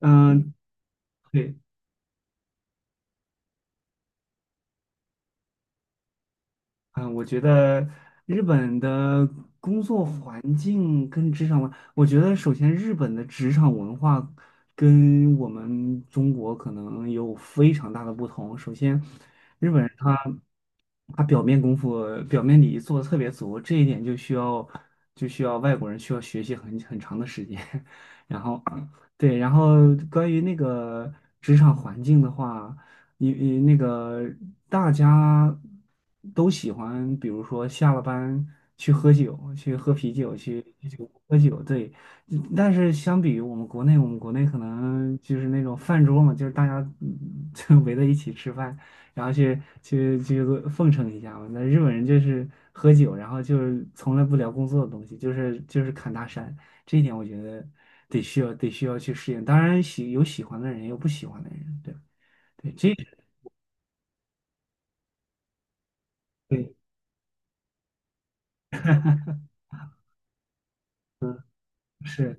嗯，对，嗯，我觉得日本的工作环境跟职场文，我觉得首先日本的职场文化跟我们中国可能有非常大的不同。首先，日本人他表面功夫、表面礼仪做的特别足，这一点就需要外国人需要学习很长的时间。然后，对，然后关于那个职场环境的话。你那个大家都喜欢，比如说下了班去喝酒，去喝啤酒，去去酒喝酒，对。但是相比于我们国内，我们国内可能就是那种饭桌嘛，就是大家就围在一起吃饭，然后去奉承一下嘛。那日本人就是喝酒，然后就是从来不聊工作的东西，就是侃大山，这一点我觉得得需要去适应。当然有喜欢的人，也有不喜欢的人，对吧。对，对，是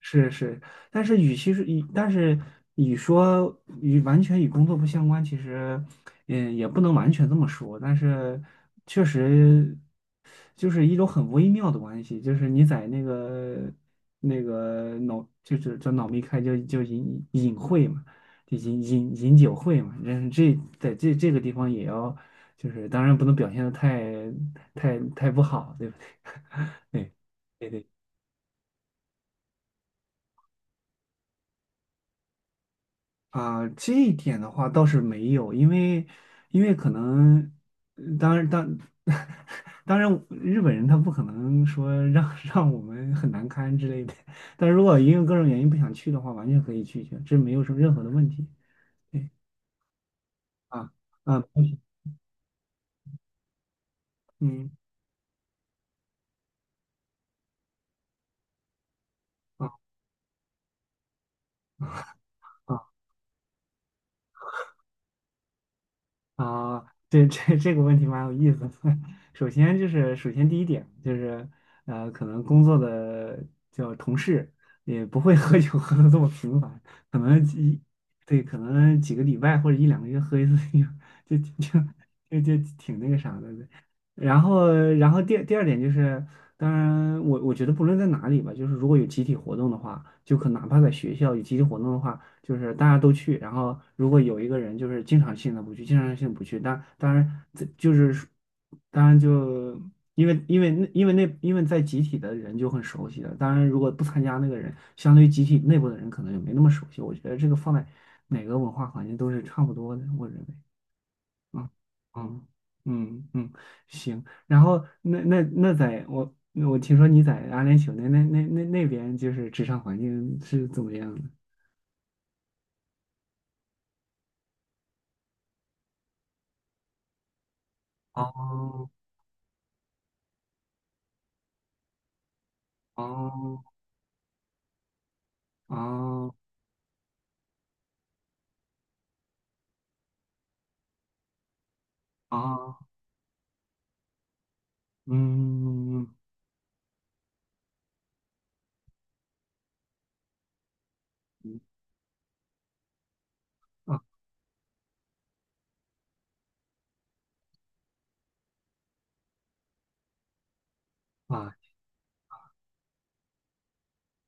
是是，但是与说与完全与工作不相关，其实，也不能完全这么说，但是确实就是一种很微妙的关系，就是你在那个那个脑，就是叫脑密开就隐隐晦嘛，就饮饮饮酒会嘛，这这在这这个地方也要，就是当然不能表现的太不好，对不对？对。对对啊，这一点的话倒是没有，因为可能，呃当然当 当然，日本人他不可能说让 让我们很难堪之类的，但如果因为各种原因不想去的话，完全可以拒绝，这没有什么任何的问题。对啊啊，嗯啊。啊啊，对这这个问题蛮有意思的 首先就是，首先第一点就是，可能工作的叫同事也不会喝酒 喝的这么频繁，可能一对，可能几个礼拜或者一两个月喝一次酒，就就就挺那个啥的。然后，然后第二点就是，当然我觉得不论在哪里吧，就是如果有集体活动的话，就哪怕在学校有集体活动的话。就是大家都去，然后如果有一个人就是经常性的不去，经常性地不去，但当然这就是说当然就因为在集体的人就很熟悉了，当然如果不参加那个人，相对于集体内部的人可能就没那么熟悉。我觉得这个放在哪个文化环境都是差不多的，我认为。嗯嗯嗯嗯，行。然后那在我听说你在阿联酋那边就是职场环境是怎么样的？哦哦哦哦，嗯嗯啊啊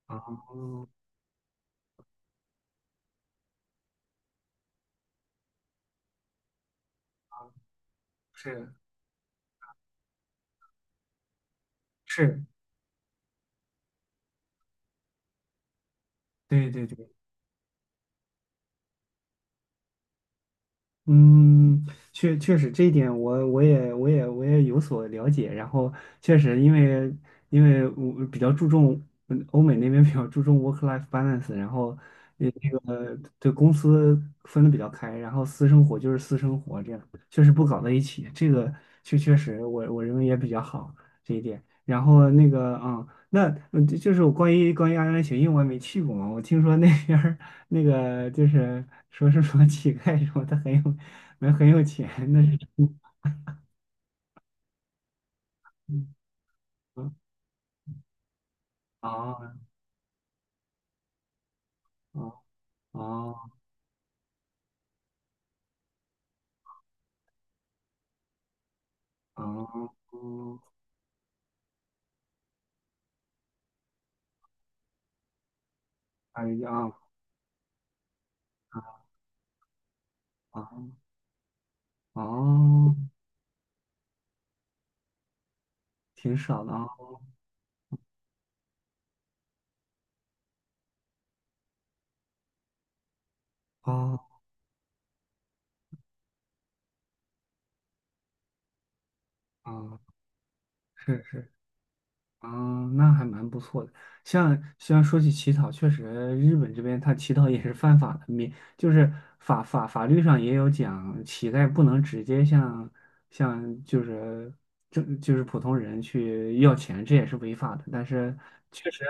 哦，是是，对对对。嗯，确确实这一点我也有所了解。然后确实因为我比较注重欧美那边比较注重 work-life balance，然后那个对公司分的比较开，然后私生活就是私生活，这样确实不搞在一起。这个确实我认为也比较好这一点。然后那个那就是我关于安联协因为我也没去过嘛，我听说那边儿那个就是说是什么乞丐什么，他很有没有很有钱，那是嗯啊啊啊啊！哦哎呀啊啊啊！挺少的啊啊啊！是嗯，那还蛮不错的。像说起乞讨，确实日本这边他乞讨也是犯法的，免就是法律上也有讲，乞丐不能直接向就是就是普通人去要钱，这也是违法的。但是确实，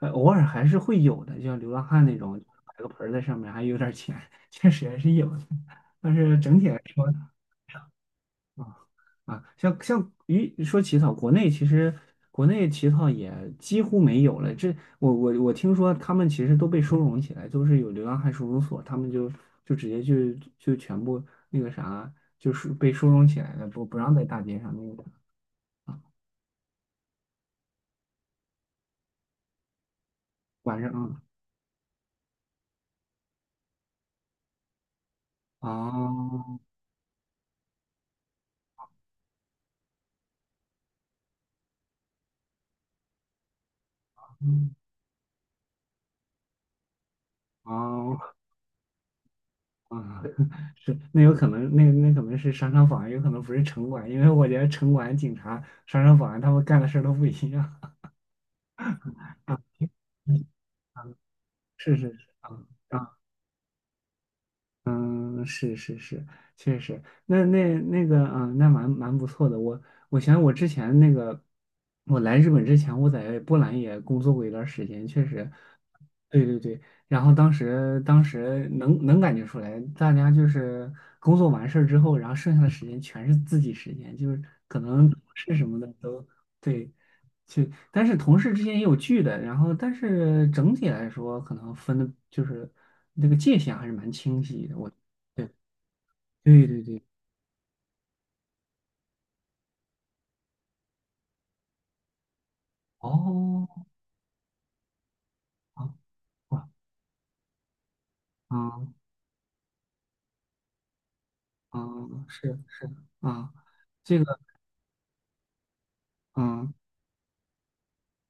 偶尔还是会有的，就像流浪汉那种，摆个盆儿在上面还有点儿钱，确实还是有的。但是整体来说，啊。啊，像于说起草，国内其实国内起草也几乎没有了。这我听说他们其实都被收容起来，就是有流浪汉收容所，他们就直接全部那个啥，就是被收容起来了，不让在大街上那个啥啊，晚上啊，哦嗯哦啊，是那有可能那可能是商场保安，有可能不是城管，因为我觉得城管、警察、商场保安他们干的事儿都不一样 啊，是是是啊。嗯，是是是，确实，那那那个，嗯，那蛮不错的。我想我之前那个，我来日本之前，我在波兰也工作过一段时间，确实，对对对。然后当时能感觉出来，大家就是工作完事儿之后，然后剩下的时间全是自己时间，就是可能是什么的都对。去，但是同事之间也有聚的，然后但是整体来说，可能分的就是那个界限还是蛮清晰的。我对对对对，哦，啊哇，啊啊，是是啊，这个嗯。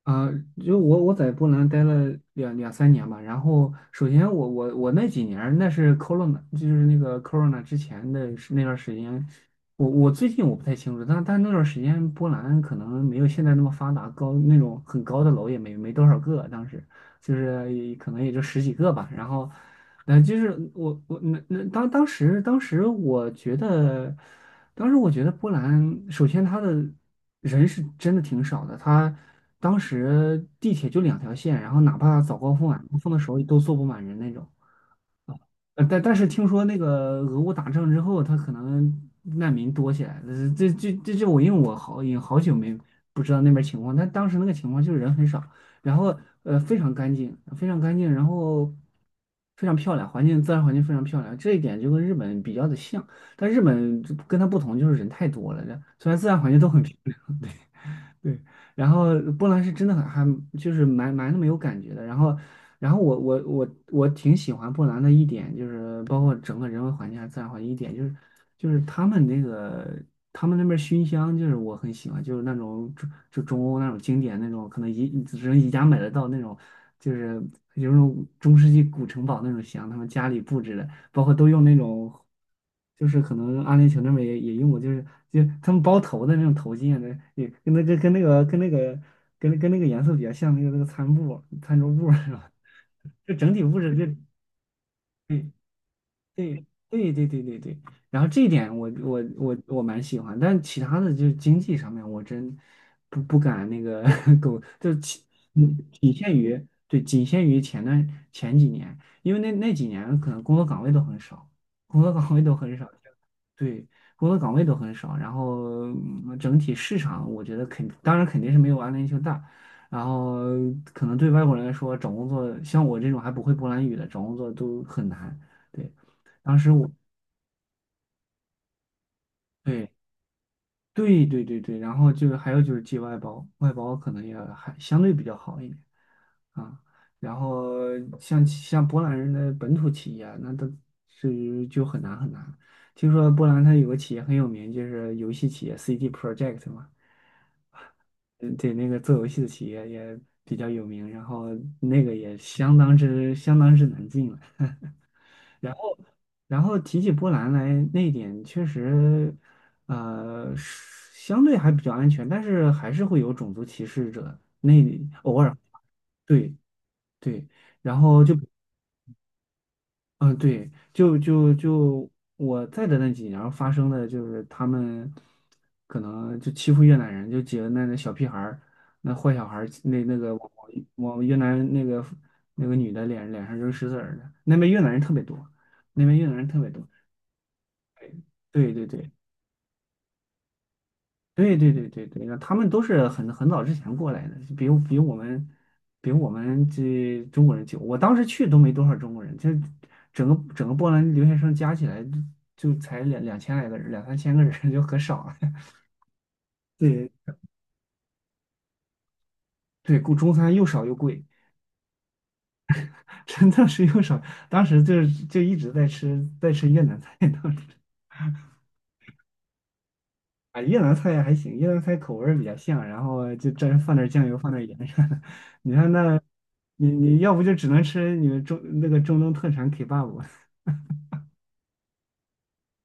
啊、就我在波兰待了两三年吧，然后首先我那几年儿那是 corona，就是那个 corona 之前的是那段儿时间，我最近我不太清楚，但那段儿时间波兰可能没有现在那么发达，高那种很高的楼也没多少个，当时就是也可能也就十几个吧，然后，就是我那那当时当时我觉得。当时我觉得波兰，首先它的人是真的挺少的，它当时地铁就两条线，然后哪怕早高峰、晚高峰的时候都坐不满人那种。但是听说那个俄乌打仗之后，他可能难民多起来了。这这这这，我因为我好也好久没不知道那边情况，但当时那个情况就是人很少，然后非常干净，非常干净，然后非常漂亮，环境自然环境非常漂亮。这一点就跟日本比较的像，但日本就跟它不同就是人太多了，这虽然自然环境都很漂亮，对，然后波兰是真的很还就是蛮那么有感觉的。然后，然后我挺喜欢波兰的一点就是，包括整个人文环境啊、自然环境一点就是，就是他们那个他们那边熏香，就是我很喜欢，就是那种中就中欧那种经典那种，可能宜只能宜家买得到那种，就是有那种中世纪古城堡那种香，他们家里布置的。包括都用那种，就是可能阿联酋那边也用过，就是就他们包头的那种头巾啊，那也跟那个颜色比较像，那个那个餐布餐桌布是吧？就整体布置就。嗯。对对对对对对，然后这一点我蛮喜欢，但其他的就是经济上面，我真不敢那个 狗，就其嗯仅限于对仅限于前几年，因为那几年可能工作岗位都很少，工作岗位都很少，对，工作岗位都很少，然后整体市场我觉得当然肯定是没有阿联酋大，然后可能对外国人来说找工作，像我这种还不会波兰语的找工作都很难。对。当时我对对对对对，然后就是还有就是寄外包，外包可能也还相对比较好一点啊。然后像波兰人的本土企业啊，那都是就很难很难。听说波兰它有个企业很有名，就是游戏企业 CDProject 嘛，嗯对，那个做游戏的企业也比较有名，然后那个也相当之难进了。然然后提起波兰来，那一点确实，是相对还比较安全，但是还是会有种族歧视者，那里偶尔，对对，然后就，嗯、对，就我在的那几年发生的就是他们可能就欺负越南人，就几个那那小屁孩儿，那坏小孩儿，那那个往往越南那个那个女的脸上扔石子儿的，那边越南人特别多，那边越南人特别多，对对对。对对对对对，那他们都是很很早之前过来的，比我们比我们这中国人久。我当时去都没多少中国人，就整个整个波兰留学生加起来就才两千来个人，两三千个人 就很少了。对对，顾中餐又少又贵，真的是又少。当时就是就一直在吃越南菜，当时。啊，越南菜还行，越南菜口味儿比较像，然后就真放点儿酱油，放点儿盐啥的。你看那，你要不就只能吃你们中那个中东特产 kebab，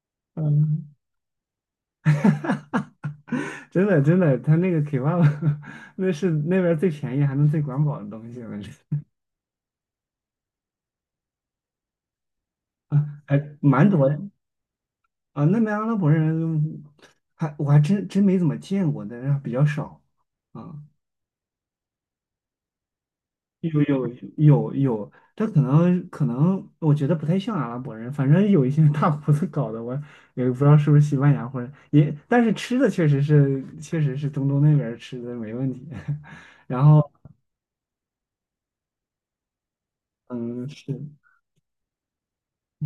嗯，真的真的，他那个 kebab 那是那边儿最便宜还能最管饱的东西了，这啊，还蛮多的啊。那边阿拉伯人还我还真真没怎么见过但是比较少啊。有有有，这可能可能，我觉得不太像阿拉伯人，反正有一些 大胡子搞的，我也不知道是不是西班牙或者也，但是吃的确实是确实是中东那边儿吃的没问题。然后嗯，是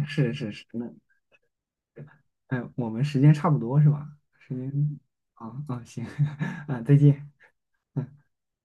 是是是，那哎，我们时间差不多是吧？时间啊啊行 啊，再见。嗯